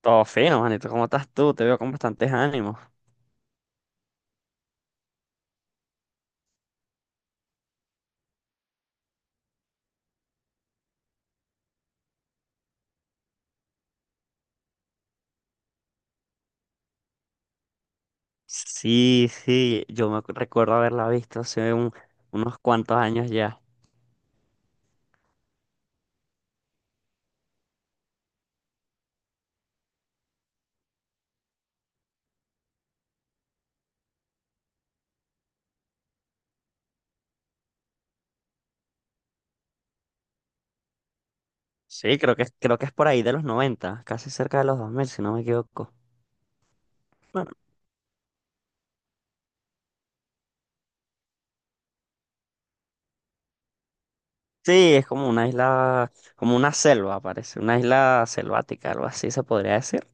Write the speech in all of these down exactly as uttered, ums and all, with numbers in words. Todo fino, manito. ¿Cómo estás tú? Te veo con bastantes ánimos. Sí, sí, yo me acu- recuerdo haberla visto hace un- unos cuantos años ya. Sí, creo que, es- creo que es por ahí de los noventa, casi cerca de los dos mil si no me equivoco. Bueno, sí, es como una isla, como una selva, parece, una isla selvática, algo así se podría decir.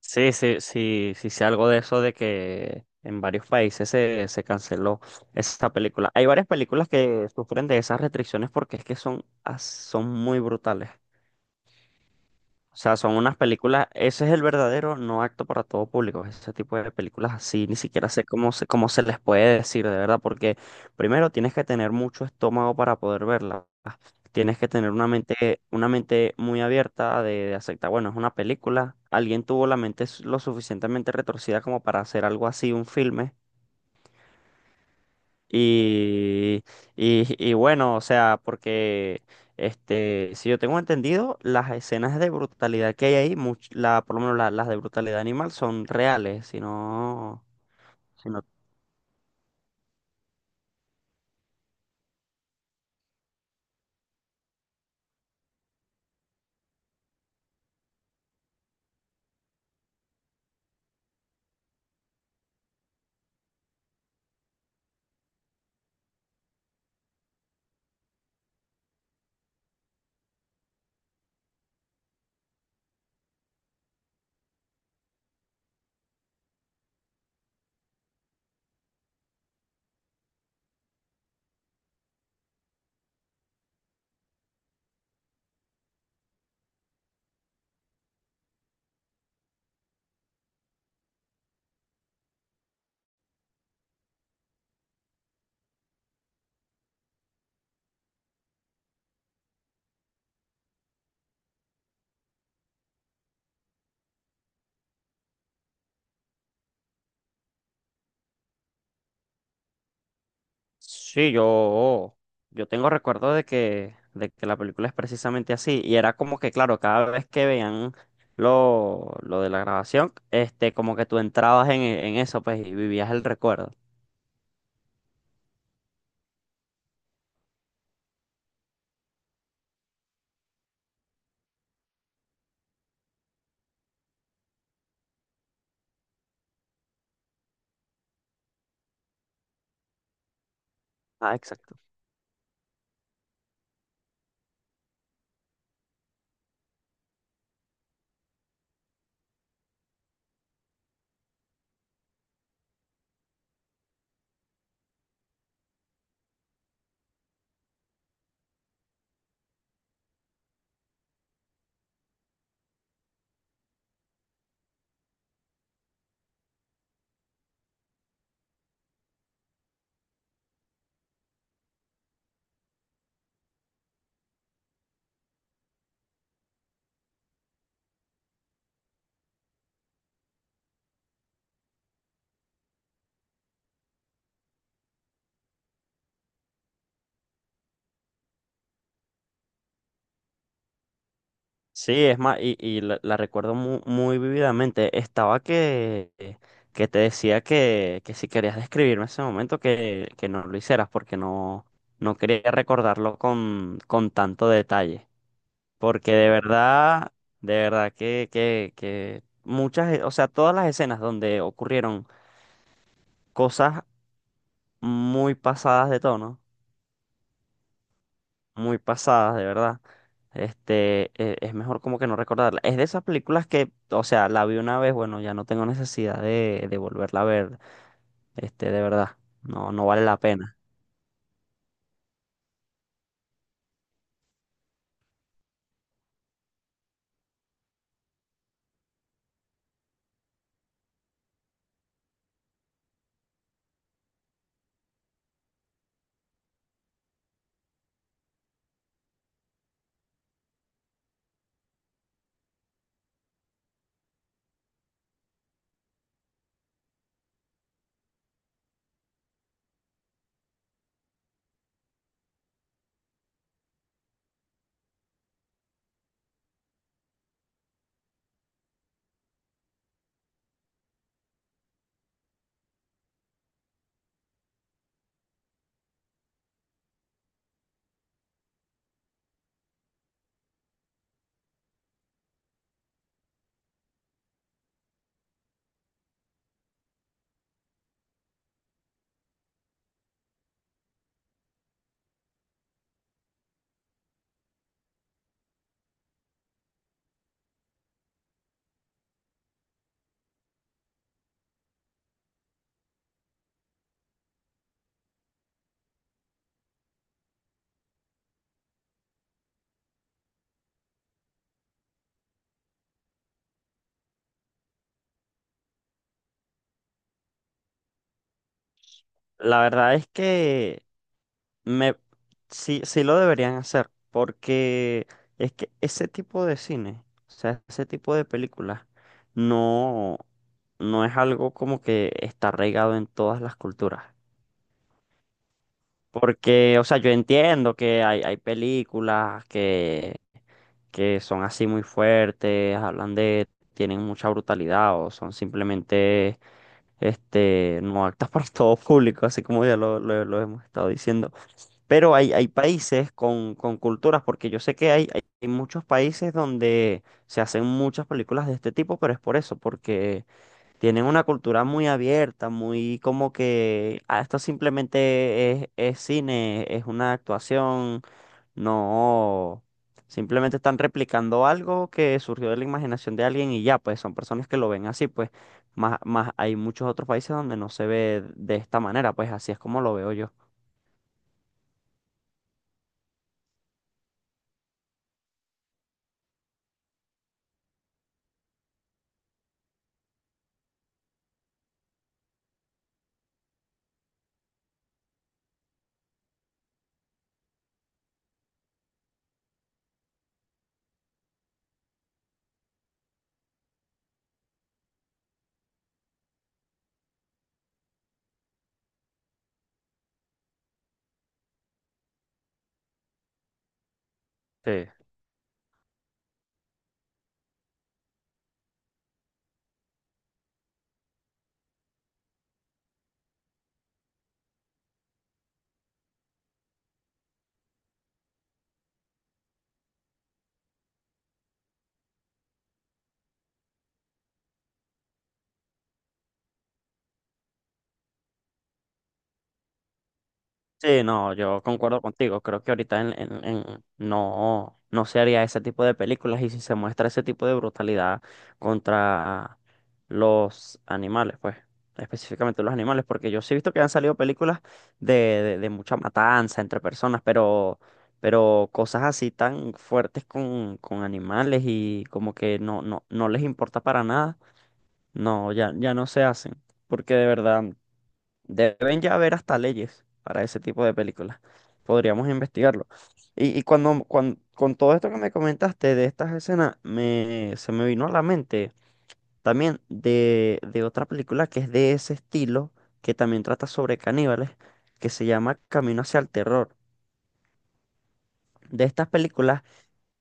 Sí, sí, sí, sí sé algo de eso de que en varios países se, se canceló esa película. Hay varias películas que sufren de esas restricciones porque es que son, as- son muy brutales. O sea, son unas películas, ese es el verdadero no acto para todo público, ese tipo de películas así, ni siquiera sé cómo se, cómo se les puede decir, de verdad, porque primero tienes que tener mucho estómago para poder verlas, tienes que tener una mente, una mente muy abierta de, de aceptar, bueno, es una película, alguien tuvo la mente s- lo suficientemente retorcida como para hacer algo así, un filme, y, y, y bueno, o sea, porque este, si yo tengo entendido, las escenas de brutalidad que hay ahí, much- la, por lo menos la- las de brutalidad animal, son reales. si no, si no- sí, yo, yo tengo recuerdo de que, de que la película es precisamente así. Y era como que, claro, cada vez que veían lo, lo de la grabación, este, como que tú entrabas en, en eso, pues, y vivías el recuerdo. Ah, exacto. Sí, es más, y, y la, la recuerdo muy, muy vividamente. Estaba que, que te decía que, que si querías describirme ese momento, que, que no lo hicieras, porque no, no quería recordarlo con, con tanto detalle. Porque de verdad, de verdad que, que, que muchas, o sea, todas las escenas donde ocurrieron cosas muy pasadas de tono muy pasadas, de verdad. Este, e- es mejor como que no recordarla. Es de esas películas que, o sea, la vi una vez, bueno, ya no tengo necesidad de, de volverla a ver, este, de verdad. No, no vale la pena. La verdad es que me, sí, sí lo deberían hacer, porque es que ese tipo de cine, o sea, ese tipo de películas, no, no es algo como que está arraigado en todas las culturas. Porque, o sea, yo entiendo que hay, hay películas que, que son así muy fuertes, hablan de, tienen mucha brutalidad o son simplemente, este, no aptas para todo público, así como ya lo, lo- lo hemos estado diciendo. Pero hay, hay países con, con culturas, porque yo sé que hay, hay hay muchos países donde se hacen muchas películas de este tipo, pero es por eso, porque tienen una cultura muy abierta, muy como que "Ah, esto simplemente es, es cine, es una actuación, no, simplemente están replicando algo que surgió de la imaginación de alguien y ya, pues son personas que lo ven así, pues más, más hay muchos otros países donde no se ve de esta manera, pues así es como lo veo yo. Sí, no, yo concuerdo contigo. Creo que ahorita en, en- en- no, no se haría ese tipo de películas y si se muestra ese tipo de brutalidad contra los animales, pues, específicamente los animales, porque yo sí he visto que han salido películas de, de, de mucha matanza entre personas, pero, pero cosas así tan fuertes con, con animales y como que no, no, no les importa para nada, no, ya, ya no se hacen, porque de verdad. Deben ya haber hasta leyes para ese tipo de películas. Podríamos investigarlo. Y, y cuando, cuan- con todo esto que me comentaste de estas escenas, me, se me vino a la mente también de, de otra película que es de ese estilo, que también trata sobre caníbales, que se llama Camino hacia el terror. De estas películas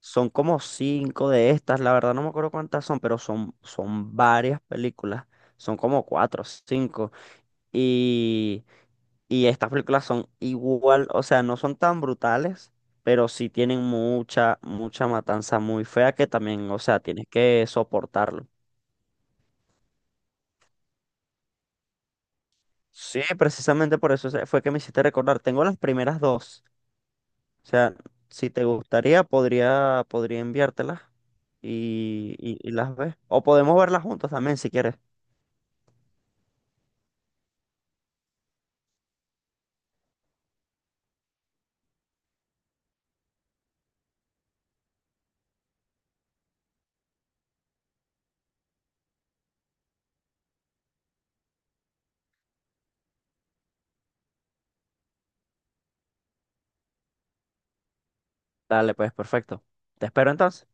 son como cinco de estas, la verdad no me acuerdo cuántas son, pero son, son varias películas. Son como cuatro o cinco. Y, y estas películas son igual, o sea, no son tan brutales, pero sí tienen mucha, mucha matanza muy fea que también, o sea, tienes que soportarlo. Sí, precisamente por eso se- fue que me hiciste recordar. Tengo las primeras dos. O sea, si te gustaría, podría, podría enviártelas y, y, y las ves. O podemos verlas juntos también si quieres. Dale, pues, perfecto. Te espero entonces.